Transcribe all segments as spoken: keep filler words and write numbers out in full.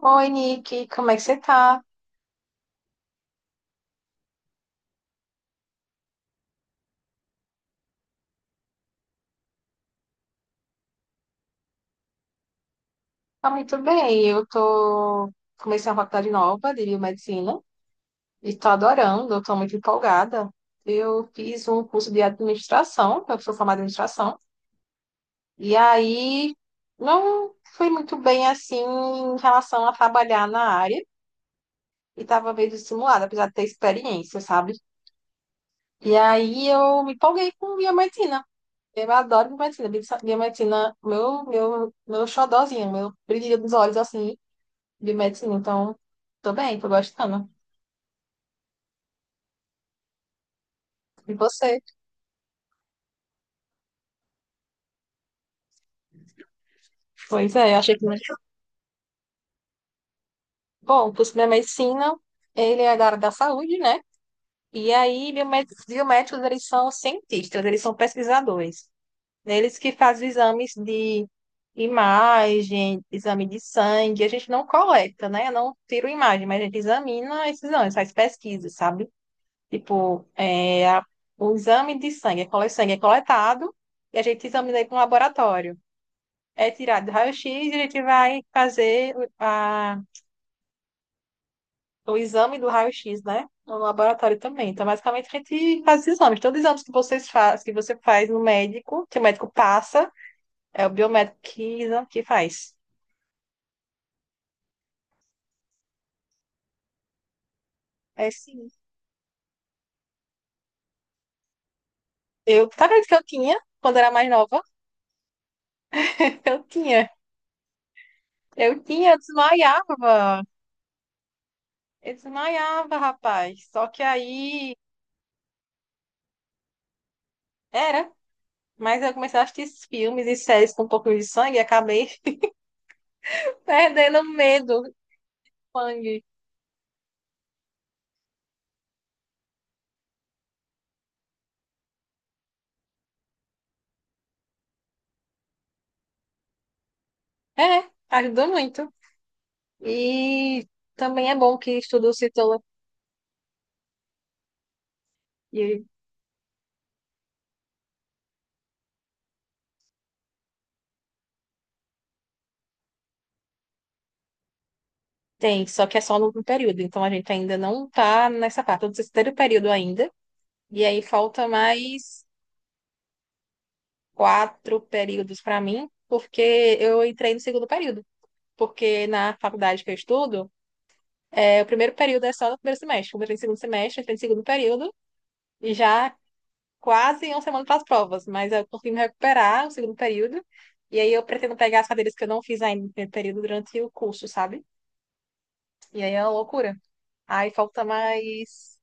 Oi, Nick, como é que você tá? Tá muito bem. Eu tô Comecei uma faculdade nova de biomedicina e tô adorando, eu tô muito empolgada. Eu fiz um curso de administração, eu sou formada em administração, e aí não fui muito bem assim em relação a trabalhar na área e tava meio desestimulada, apesar de ter experiência, sabe? E aí eu me empolguei com biomedicina. Eu adoro biomedicina. Biomedicina, biomedicina, meu, meu, meu xodozinho, meu brilho dos olhos, assim. De medicina, então tô bem, tô gostando. E você? Pois é, eu achei que, bom, o curso de medicina, ele é da área da saúde, né? E aí, biomed biomédicos, eles são cientistas, eles são pesquisadores. Eles que fazem exames de imagem, exame de sangue, a gente não coleta, né? Eu não tiro imagem, mas a gente examina esses exames, faz pesquisa, sabe? Tipo, é, a- o exame de sangue, é cole- sangue é coletado e a gente examina aí para um laboratório. É tirado do raio-x e a gente vai fazer o- a, o exame do raio-x, né? No laboratório também. Então, basicamente, a gente faz exames. Todos os exames que vocês faz, que você faz no médico, que o médico passa, é o biomédico que, que faz. É sim. Eu, tá vendo que eu tinha, quando era mais nova? Eu tinha. Eu tinha, eu desmaiava. Eu desmaiava, rapaz. Só que aí, era. Mas eu comecei a assistir filmes e séries com um pouco de sangue e acabei perdendo o medo do sangue. É, ajuda muito. E também é bom que estudo citologia tem, só que é só no último período, então a gente ainda não tá nessa parte, tô no terceiro período ainda, e aí falta mais quatro períodos para mim, porque eu entrei no segundo período, porque na faculdade que eu estudo, é, o primeiro período é só no primeiro semestre, como eu entrei no segundo semestre, eu entrei no segundo período, e já quase uma semana para as provas, mas eu consegui me recuperar o segundo período. E aí eu pretendo pegar as cadeiras que eu não fiz ainda no primeiro período durante o curso, sabe? E aí é uma loucura. Aí falta mais.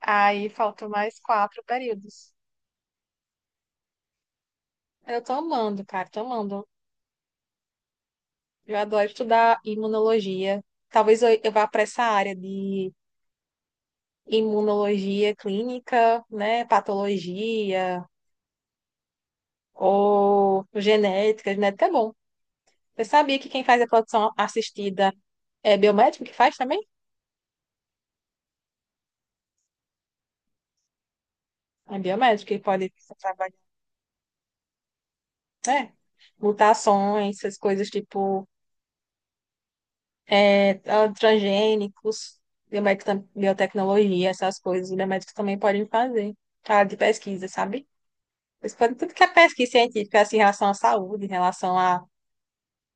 Aí faltam mais quatro períodos. Eu tô amando, cara, tô amando. Eu adoro estudar imunologia. Talvez eu eu vá para essa área de imunologia clínica, né? Patologia ou genética. Genética é bom. Eu sabia que quem faz a produção assistida é biomédico que faz também? É biomédico que pode trabalhar, né, mutações, essas coisas tipo, é, transgênicos, biomédico, tam- biotecnologia, essas coisas. Os biomédicos também podem fazer. Área de pesquisa, sabe? Eles podem tudo que é pesquisa científica, assim, em relação à saúde, em relação a,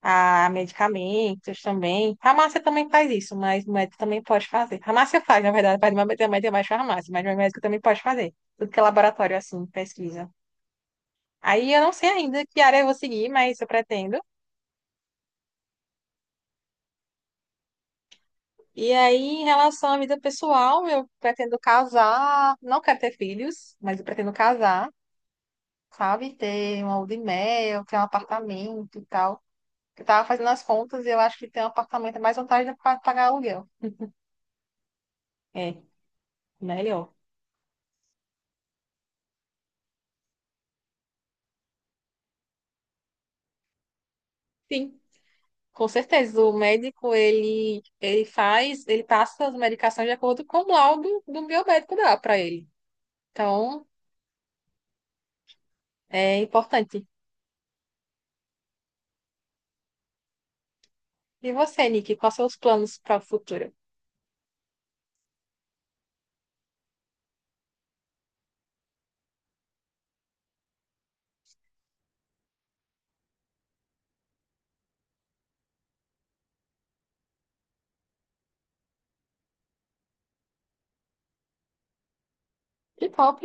a medicamentos também. Farmácia também faz isso, mas o médico também pode fazer. Farmácia faz, na verdade, faz biomédico é mais farmácia, mas o médico também pode fazer. Tudo que é laboratório, assim, pesquisa. Aí eu não sei ainda que área eu vou seguir, mas eu pretendo. E aí, em relação à vida pessoal, eu pretendo casar, não quero ter filhos, mas eu pretendo casar, sabe? Ter uma lua de mel, ter um apartamento e tal. Eu tava fazendo as contas e eu acho que ter um apartamento é mais vantagem do que pagar aluguel. É, melhor. Sim, com certeza. O médico, ele, ele faz, ele passa as medicações de acordo com o laudo do biomédico dá para ele. Então, é importante. E você, Nick, quais são os planos para o futuro? Que top!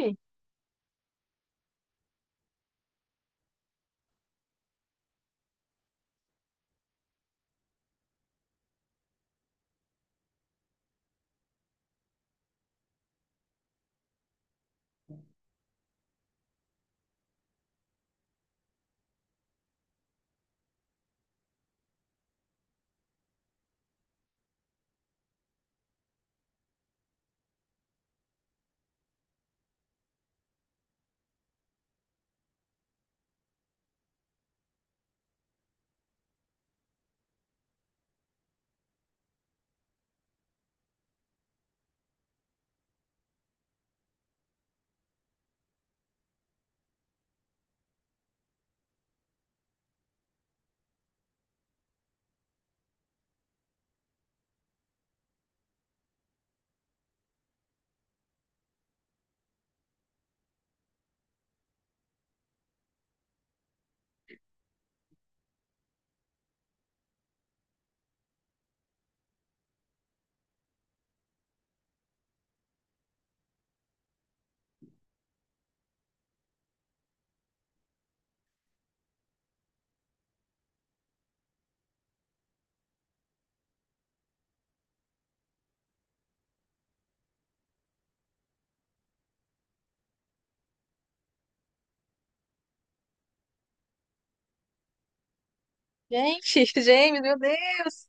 Gente, James, meu Deus!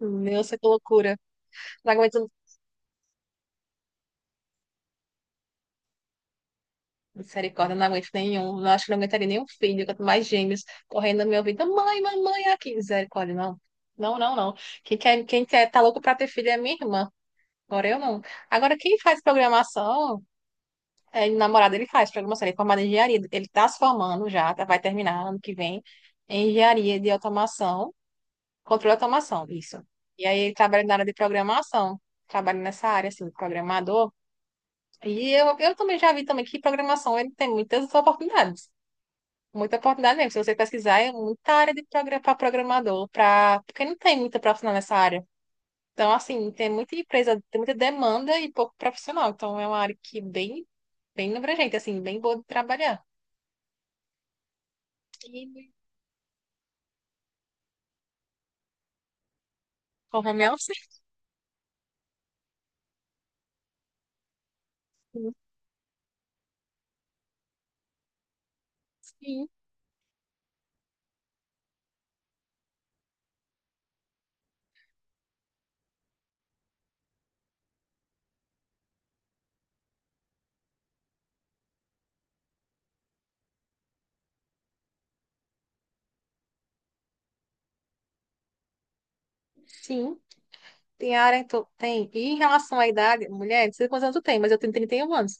Meu, que loucura. Não aguento, misericórdia, não aguento nenhum. Não acho que não aguentaria nenhum filho, quanto mais gêmeos correndo no meu ouvido. Mãe, mamãe, aqui. Misericórdia, não. Não, não, não. Quem quer, quem quer, tá louco pra ter filho é minha irmã. Agora eu não. Agora, quem faz programação, é, namorado, ele faz programação, ele é formado em engenharia. Ele tá se formando já, tá- vai terminar ano que vem em engenharia de automação. Controle de automação, isso. E aí ele trabalha na área de programação, trabalha nessa área, assim, de programador. E eu, eu também já vi também que programação ele tem muitas oportunidades. Muita oportunidade mesmo. Se você pesquisar, é muita área de progra para programador, pra... porque não tem muita profissional nessa área. Então, assim, tem muita empresa, tem muita demanda e pouco profissional. Então, é uma área que bem, bem abrangente, assim, bem boa de trabalhar. E com home office, sim, sim. Tem área, então, tem. E em relação à idade, mulher, não sei quantos anos tu tem, mas eu tenho trinta e um anos.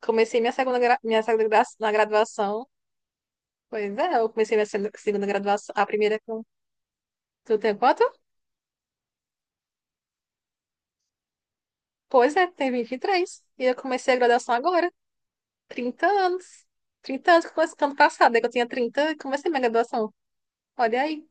Comecei minha segunda, gra- minha segunda gra- na graduação. Pois é, eu comecei minha segunda segunda graduação, a primeira com... Tu tem quanto? Pois é, tem vinte e três e eu comecei a graduação agora, trinta anos. Trinta anos, que começou ano passado, né, que eu tinha trinta e comecei minha graduação. Olha aí,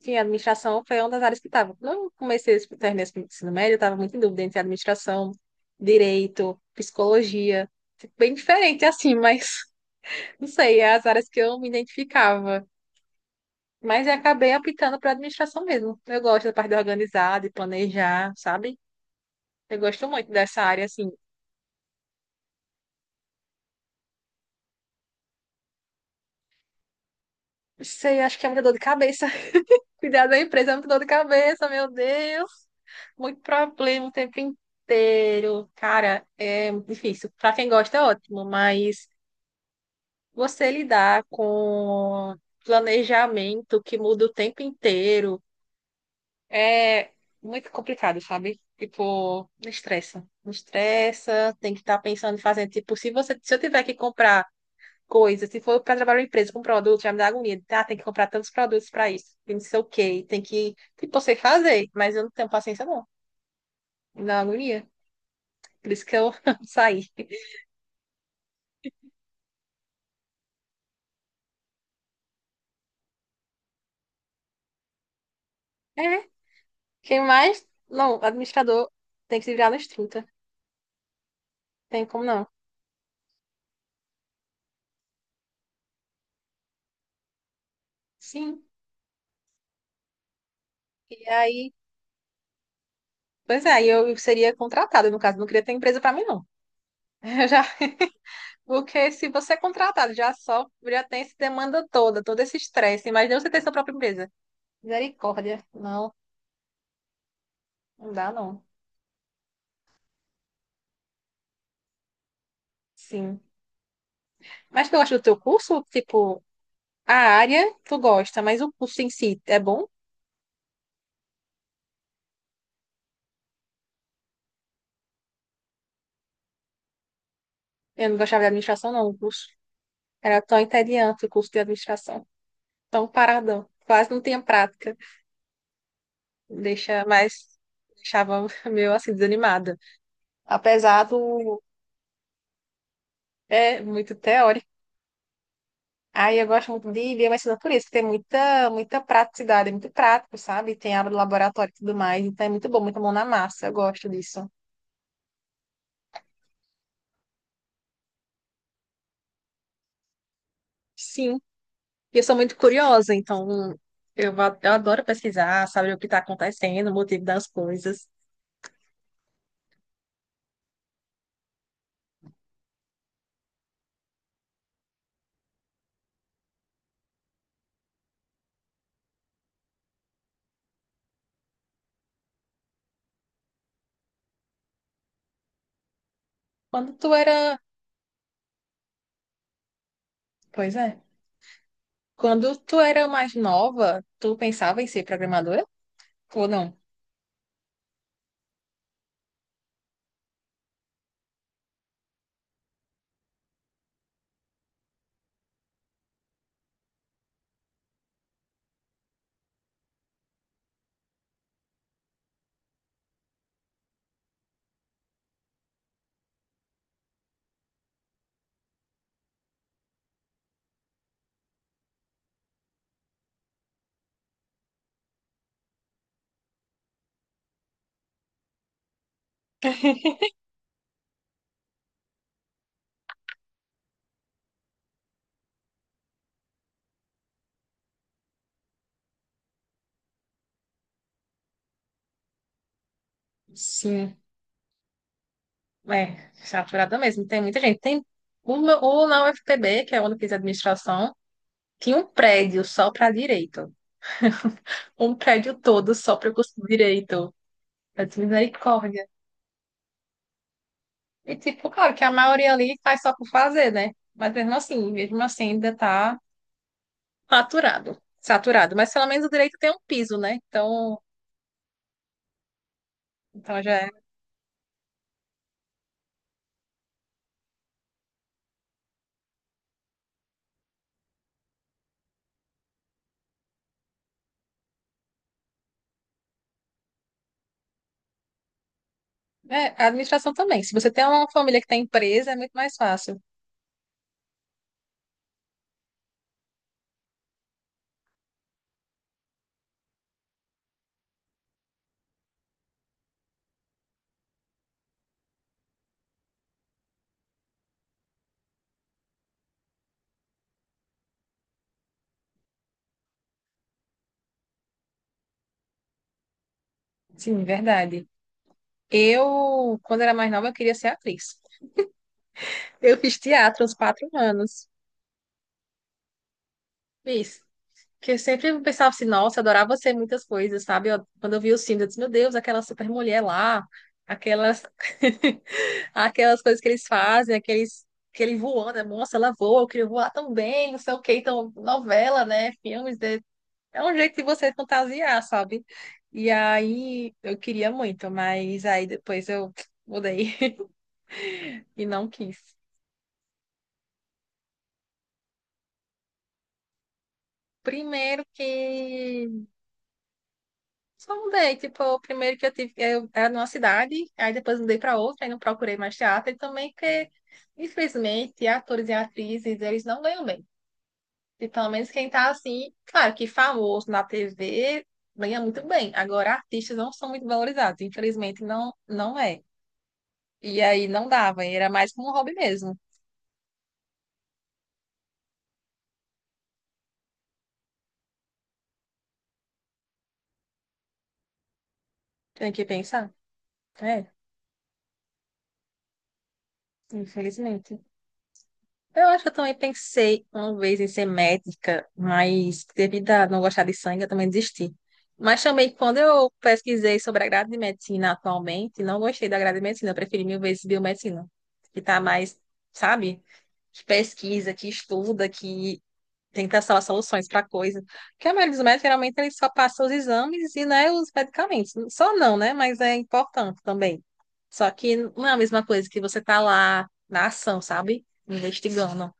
sim, a administração foi uma das áreas que estava. Quando eu comecei esse terminei esse ensino médio, eu estava muito em dúvida entre administração, direito, psicologia. Bem diferente assim, mas não sei, é as áreas que eu me identificava. Mas eu acabei optando para administração mesmo. Eu gosto da parte de organizar, de planejar, sabe? Eu gosto muito dessa área, assim. Não sei, acho que é muita dor de cabeça. Cuidar da empresa é muito dor de cabeça, meu Deus. Muito problema o tempo inteiro. Cara, é difícil. Para quem gosta, é ótimo, mas você lidar com planejamento que muda o tempo inteiro é muito complicado, sabe? Tipo, me estressa. Me estressa, tem que estar pensando em fazer. Tipo, se você, se eu tiver que comprar coisa. Se for para trabalhar em uma empresa com produto, já me dá agonia. Ah, tem que comprar tantos produtos para isso. E não sei o quê. Tem que. Tipo, eu sei fazer, mas eu não tenho paciência, não. Me dá agonia. Por isso que eu saí. É. Quem mais? Não, administrador tem que se virar nos trinta. Tem como não? Sim. E aí. Pois é, aí eu seria contratada, no caso. Não queria ter empresa para mim, não. Eu já. Porque se você é contratado, já só já tem essa demanda toda, todo esse estresse. Imagina você ter sua própria empresa. Misericórdia. Não, não dá, não. Sim. Mas tu gosta do teu curso? Tipo, a área tu gosta, mas o curso em si é bom? Eu não gostava de administração, não. O curso era tão entediante, o curso de administração. Tão paradão. Quase não tinha prática. Deixa mais... Deixava meio assim, desanimada. Apesar do... É muito teórico. Aí eu gosto muito de biomedicina por isso, que tem muita, muita praticidade, é muito prático, sabe? Tem aula do laboratório e tudo mais. Então é muito bom, muita mão na massa. Eu gosto disso. Sim. E eu sou muito curiosa, então eu, va- eu adoro pesquisar, saber o que está acontecendo, o motivo das coisas. Quando tu era. Pois é. Quando tu era mais nova, tu pensava em ser programadora? Ou não? Sim, é, saturada mesmo. Tem muita gente. Tem uma, o na U F P B, que é onde eu fiz administração, tinha um prédio só para direito. Um prédio todo só para o curso de direito. Eu disse, misericórdia. E tipo, claro que a maioria ali faz só por fazer, né? Mas mesmo assim, mesmo assim ainda tá saturado, saturado. Mas pelo menos o direito tem um piso, né? Então, então já é. É, a administração também. Se você tem uma família que tem empresa, é muito mais fácil. Sim, verdade. Eu, quando era mais nova, eu queria ser atriz. Eu fiz teatro uns quatro anos. Fiz. Que eu sempre pensava assim, nossa, eu adorava ser muitas coisas, sabe? Eu- quando eu vi os filmes, eu disse, meu Deus, aquela super mulher lá, aquelas, aquelas coisas que eles fazem, aqueles, aquele voando, né? Nossa, ela voa, eu queria voar também, não sei o quê. Então, novela, né? Filmes, de... é um jeito de você fantasiar, sabe? E aí, eu queria muito, mas aí depois eu mudei e não quis. Primeiro que Só mudei, tipo, o primeiro que eu tive, eu era numa cidade, aí depois mudei para outra, aí não procurei mais teatro, e também porque, infelizmente, atores e atrizes, eles não ganham bem. E pelo menos quem tá assim, claro que famoso na T V ganha muito bem. Agora, artistas não são muito valorizados, infelizmente não, não é. E aí não dava, era mais como um hobby mesmo. Tem que pensar. É, infelizmente. Eu acho que eu também pensei uma vez em ser médica, mas devido a não gostar de sangue, eu também desisti. Mas também, quando eu pesquisei sobre a grade de medicina atualmente, não gostei da grade de medicina, eu preferi mil vezes biomedicina, que está mais, sabe, que pesquisa, que estuda, que tenta achar soluções para coisa. Porque a maioria dos médicos, geralmente, eles só passam os exames e, né, os medicamentos. Só não, né, mas é importante também. Só que não é a mesma coisa que você tá lá na ação, sabe? Investigando.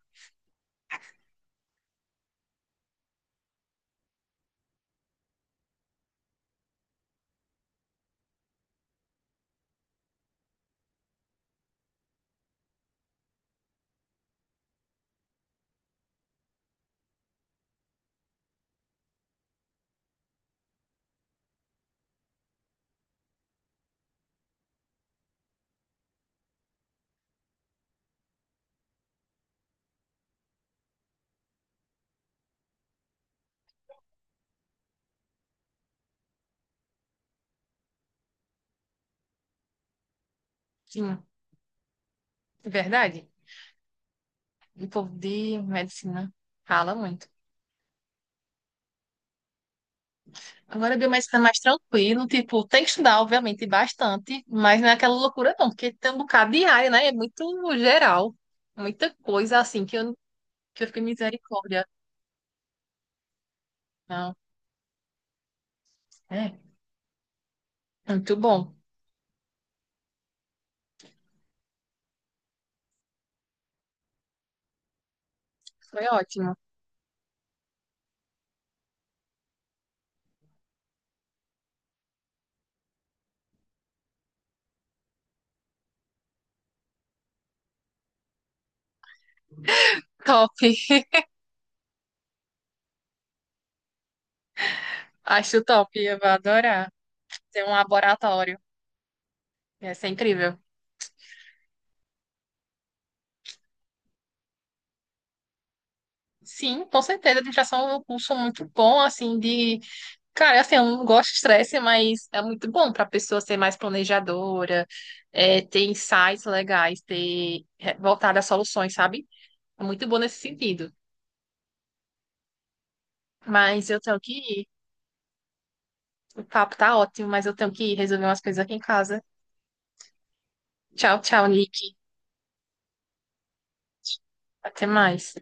Sim, é verdade. O povo de medicina fala muito. Agora, biomedicina é mais tranquilo, tipo, tem que estudar, obviamente, bastante, mas não é aquela loucura, não, porque tem um bocado de área, né? É muito geral, muita coisa assim que eu, que eu fiquei misericórdia. Não, é, muito bom, foi ótimo. Top, acho top, eu vou adorar ter um laboratório, ia ser incrível. Sim, com certeza, administração é um curso muito bom, assim, de cara, assim, eu não gosto de estresse, mas é muito bom para a pessoa ser mais planejadora, é, ter insights legais, ter é, voltar a soluções, sabe? É muito bom nesse sentido. Mas eu tenho que ir. O papo tá ótimo, mas eu tenho que ir resolver umas coisas aqui em casa. Tchau, tchau, Nick. Até mais.